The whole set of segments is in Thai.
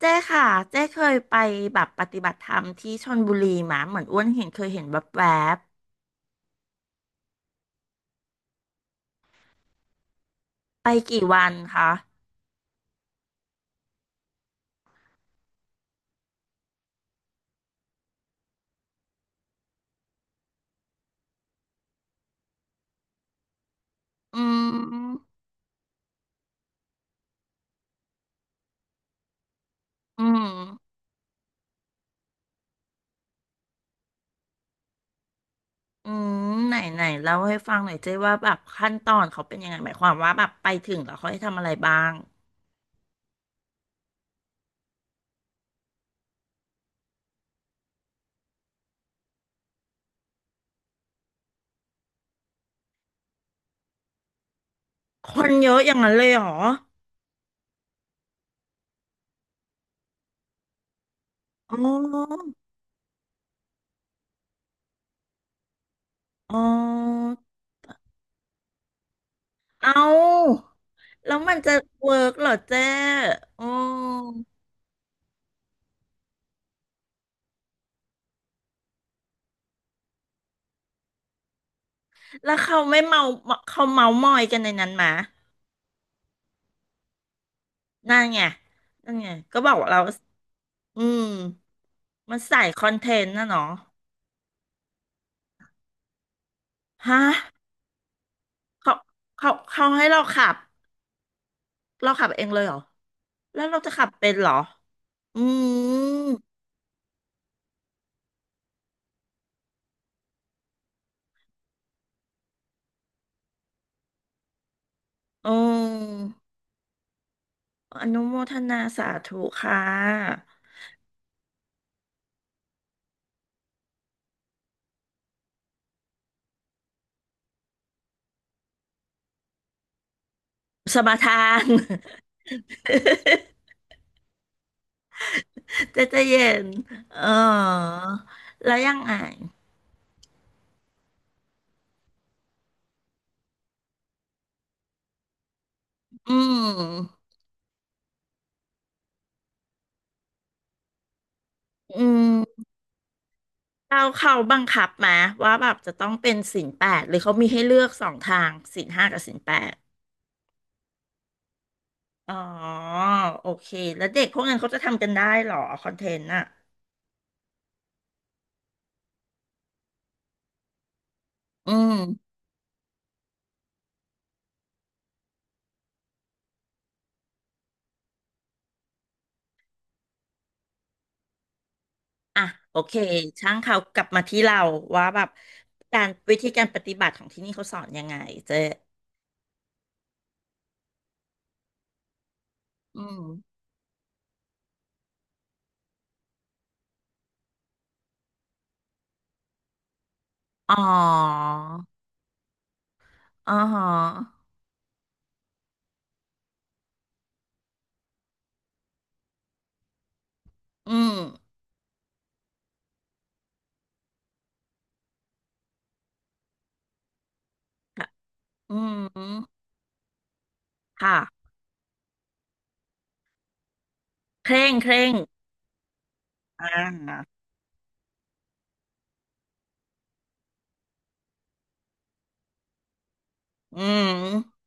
เจ้ค่ะเจ้เคยไปแบบปฏิบัติธรรมที่ชลบุรีมาเหมือนอ้วนเห็นเคยเห็นแวบๆไปกี่วันคะอืมอืมอืมไหนไหนเล่าให้ฟังหน่อยเจ้ว่าแบบขั้นตอนเขาเป็นยังไงหมายความว่าแบบไปถึงแล้วเขาให้ทำอะไรบ้างคนเยอะอย่างนั้นเลยเหรออ๋ออ๋อเอาแล้วมันจะเวิร์กเหรอเจ้อ๋อแล้วเขาไม่เมาเขาเมามอยกันในนั้นไหม นั่นไงนั่นไงก็บอกว่าเราอืมมันใส่คอนเทนต์นะเนาะฮะเขาเขาเขาให้เราขับเราขับเองเลยเหรอแล้วเราจะขับเป็นเหรออืมอืมอนุโมทนาสาธุค่ะสมาทาน เจะจะเย็นเออแล้วยังไงอืมอืม เราเขาบังคับมาว่าแบบจะต้องเป็นศีลแปดหรือเขามีให้เลือกสองทางศีลห้ากับศีลแปดอ๋อโอเคแล้วเด็กพวกนั้นเขาจะทำกันได้เหรอคอนเทนต์น่ะอืมอ่ะโอเคช่างเขากลับมาที่เราว่าแบบการวิธีการปฏิบัติของที่นี่เขาสอนยังไงเจ๊อืมอ๋ออ๋อฮะอืมค่ะอืมค่ะเคร่งเคร่งอ่าอืม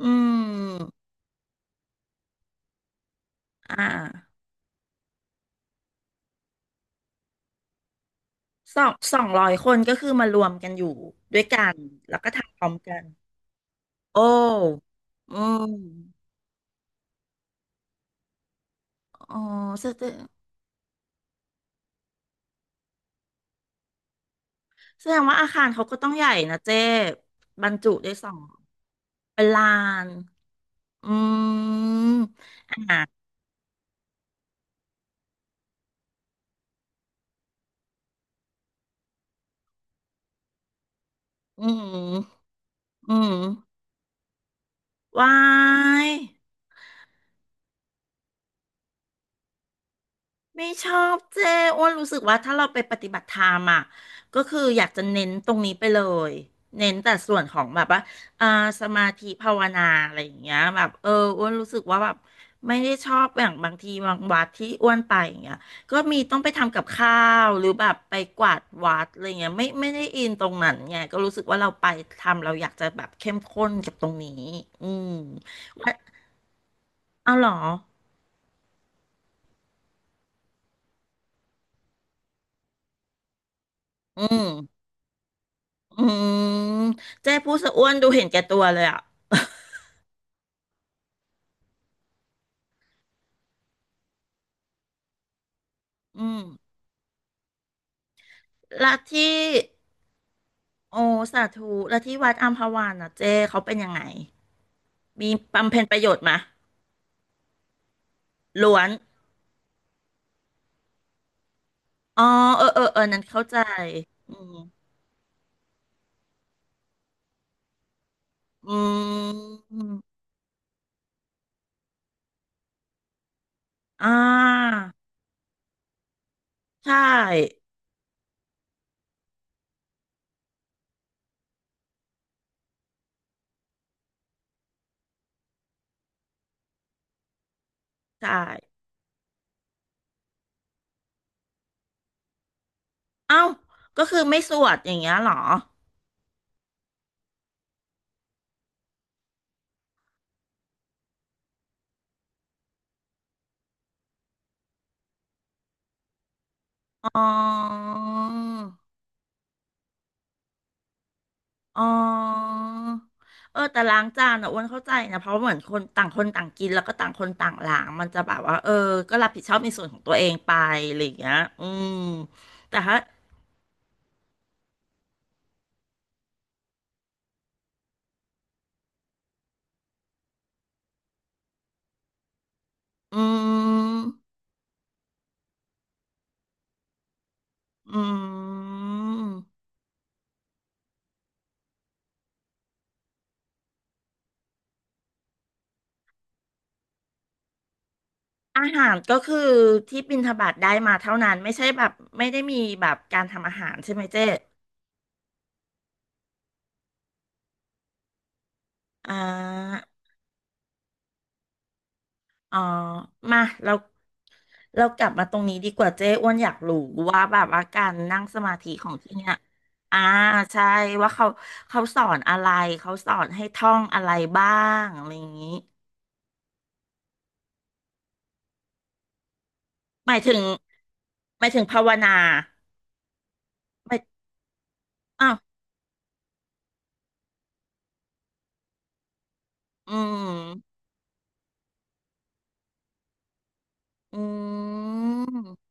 อืมอ่า สองสองร้อยคนก็คือมารวมกันอยู่ด้วยกันแล้วก็ทำพร้อมกันโอ้อืมอ๋อแสดงแสดงว่าอาคารเขาก็ต้องใหญ่นะเจ๊บรรจุได้สองเป็นลานอืมอ่ะอืมอืมว้าย ไม่ชอบเจ้อ้วนรู้สึกว่าถ้าเราไปปฏิบัติธรรมอ่ะก็คืออยากจะเน้นตรงนี้ไปเลยเน้นแต่ส่วนของแบบว่าอ่าสมาธิภาวนาอะไรอย่างเงี้ยแบบเอออ้วนรู้สึกว่าแบบไม่ได้ชอบอย่างบางทีบางวัดที่อ้วนไปอย่างเงี้ยก็มีต้องไปทำกับข้าวหรือแบบไปกวาดวัดอะไรเงี้ยไม่ได้อินตรงนั้นไงก็รู้สึกว่าเราไปทำเราอยากจะแบบเข้มข้นกับตรงนี้อืมว่าเอาเหรออืม อืมเจ๊พูดซะอ้วนดูเห็นแก่ตัวเลยอ่ะอืมและที่โอสาธุและที่วัดอัมพวันอ่ะเจ๊เขาเป็นยังไงมีบำเพ็ญประโยชน์มะล้วนอ๋อเออเออเออนั้นเข้าใจอืมอืมอ่าใช่ใช่เอ้าก็คือไม่สวดอย่างเงี้ยเหรออ๋อ อ๋อเออแต่ล้างจานอ่ะอ้วนเข้าใจนะเพราะเหมือนคนต่างคนต่างกินแล้วก็ต่างคนต่างล้างมันจะแบบว่าเออก็รับผิดชอบในส่วนของตัวเองไปอะไรอย่างเงี้ยอืมแต่ถ้าอืมอืมอาหารก็คือที่บิณฑบาตได้มาเท่านั้นไม่ใช่แบบไม่ได้มีแบบการทำอาหารใช่ไหมเจ๊อ่า อ๋อมาเราเรากลับมาตรงนี้ดีกว่าเจ๊อ้วนอยากรู้ว่าแบบว่าการนั่งสมาธิของที่เนี่ยอ่าใช่ว่าเขาสอนอะไรเขาสอนให้ท่องอะไรบ้างอะไรอย่างนี้หมายถึงหมายถึงภาวนาหมายอ้าวอืมอืม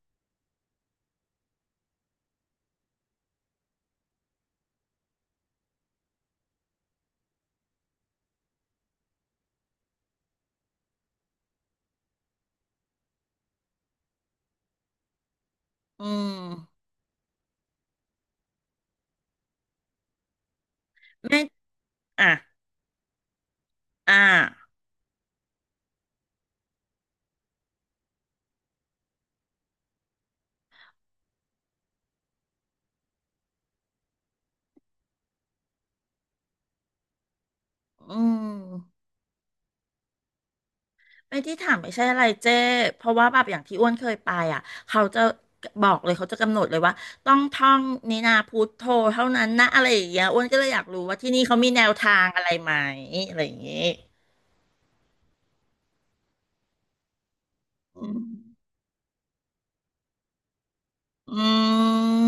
อืมไม่อ่ะอ่ะอืม ไอ้ที่ถามไม่ใช่อะไรเจ้เพราะว่าแบบอย่างที่อ้วนเคยไปอ่ะเขาจะบอกเลยเขาจะกำหนดเลยว่าต้องท่องนินาพุทโธเท่านั้นนะอะไรอย่างเงี้ยอ้วนก็เลยอยากรู้ว่าที่นี่เขามีแนวทางอะไรไหมอะไรอย่างเงี้ยอืมอืม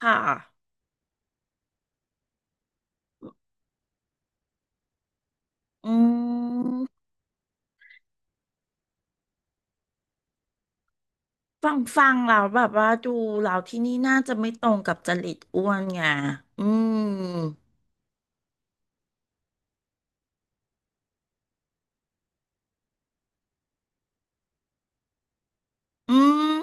ค่ะอืมฟังฟังเราแล้วแบบว่าดูเราที่นี่น่าจะไม่ตรงกับจริตอ้วนไงอืมอืม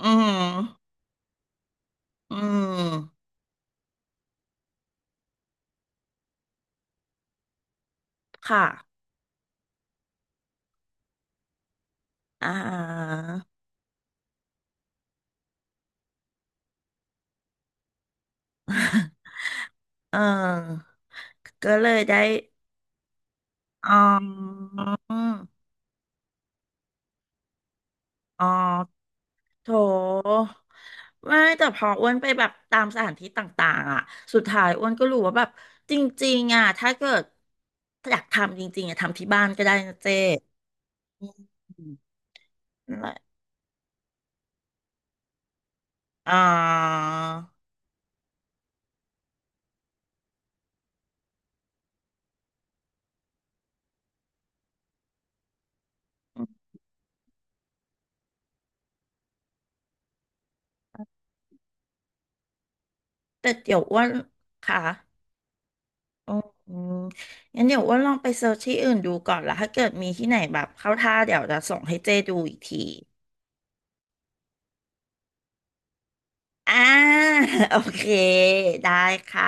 อืมอืมค่ะอ่าเออ ก็เลยได้อ๋ออ๋อโถไม่แต่พออ้วนไปแบบตามสถานที่ต่างๆอ่ะสุดท้ายอ้วนก็รู้ว่าแบบจริงๆอ่ะถ้าเกิดอยากทำจริงๆอ่ะทำที่บ้านก็ได้นะเจ๊อืมนั่นแหละอ่าแต่เดี๋ยวอ้วนค่ะอืมงั้นเดี๋ยวอ้วนลองไปเซิร์ชที่อื่นดูก่อนละถ้าเกิดมีที่ไหนแบบเข้าท่าเดี๋ยวจะส่งให้เจ๊ดูอีกที อ่า โอเคได้ค่ะ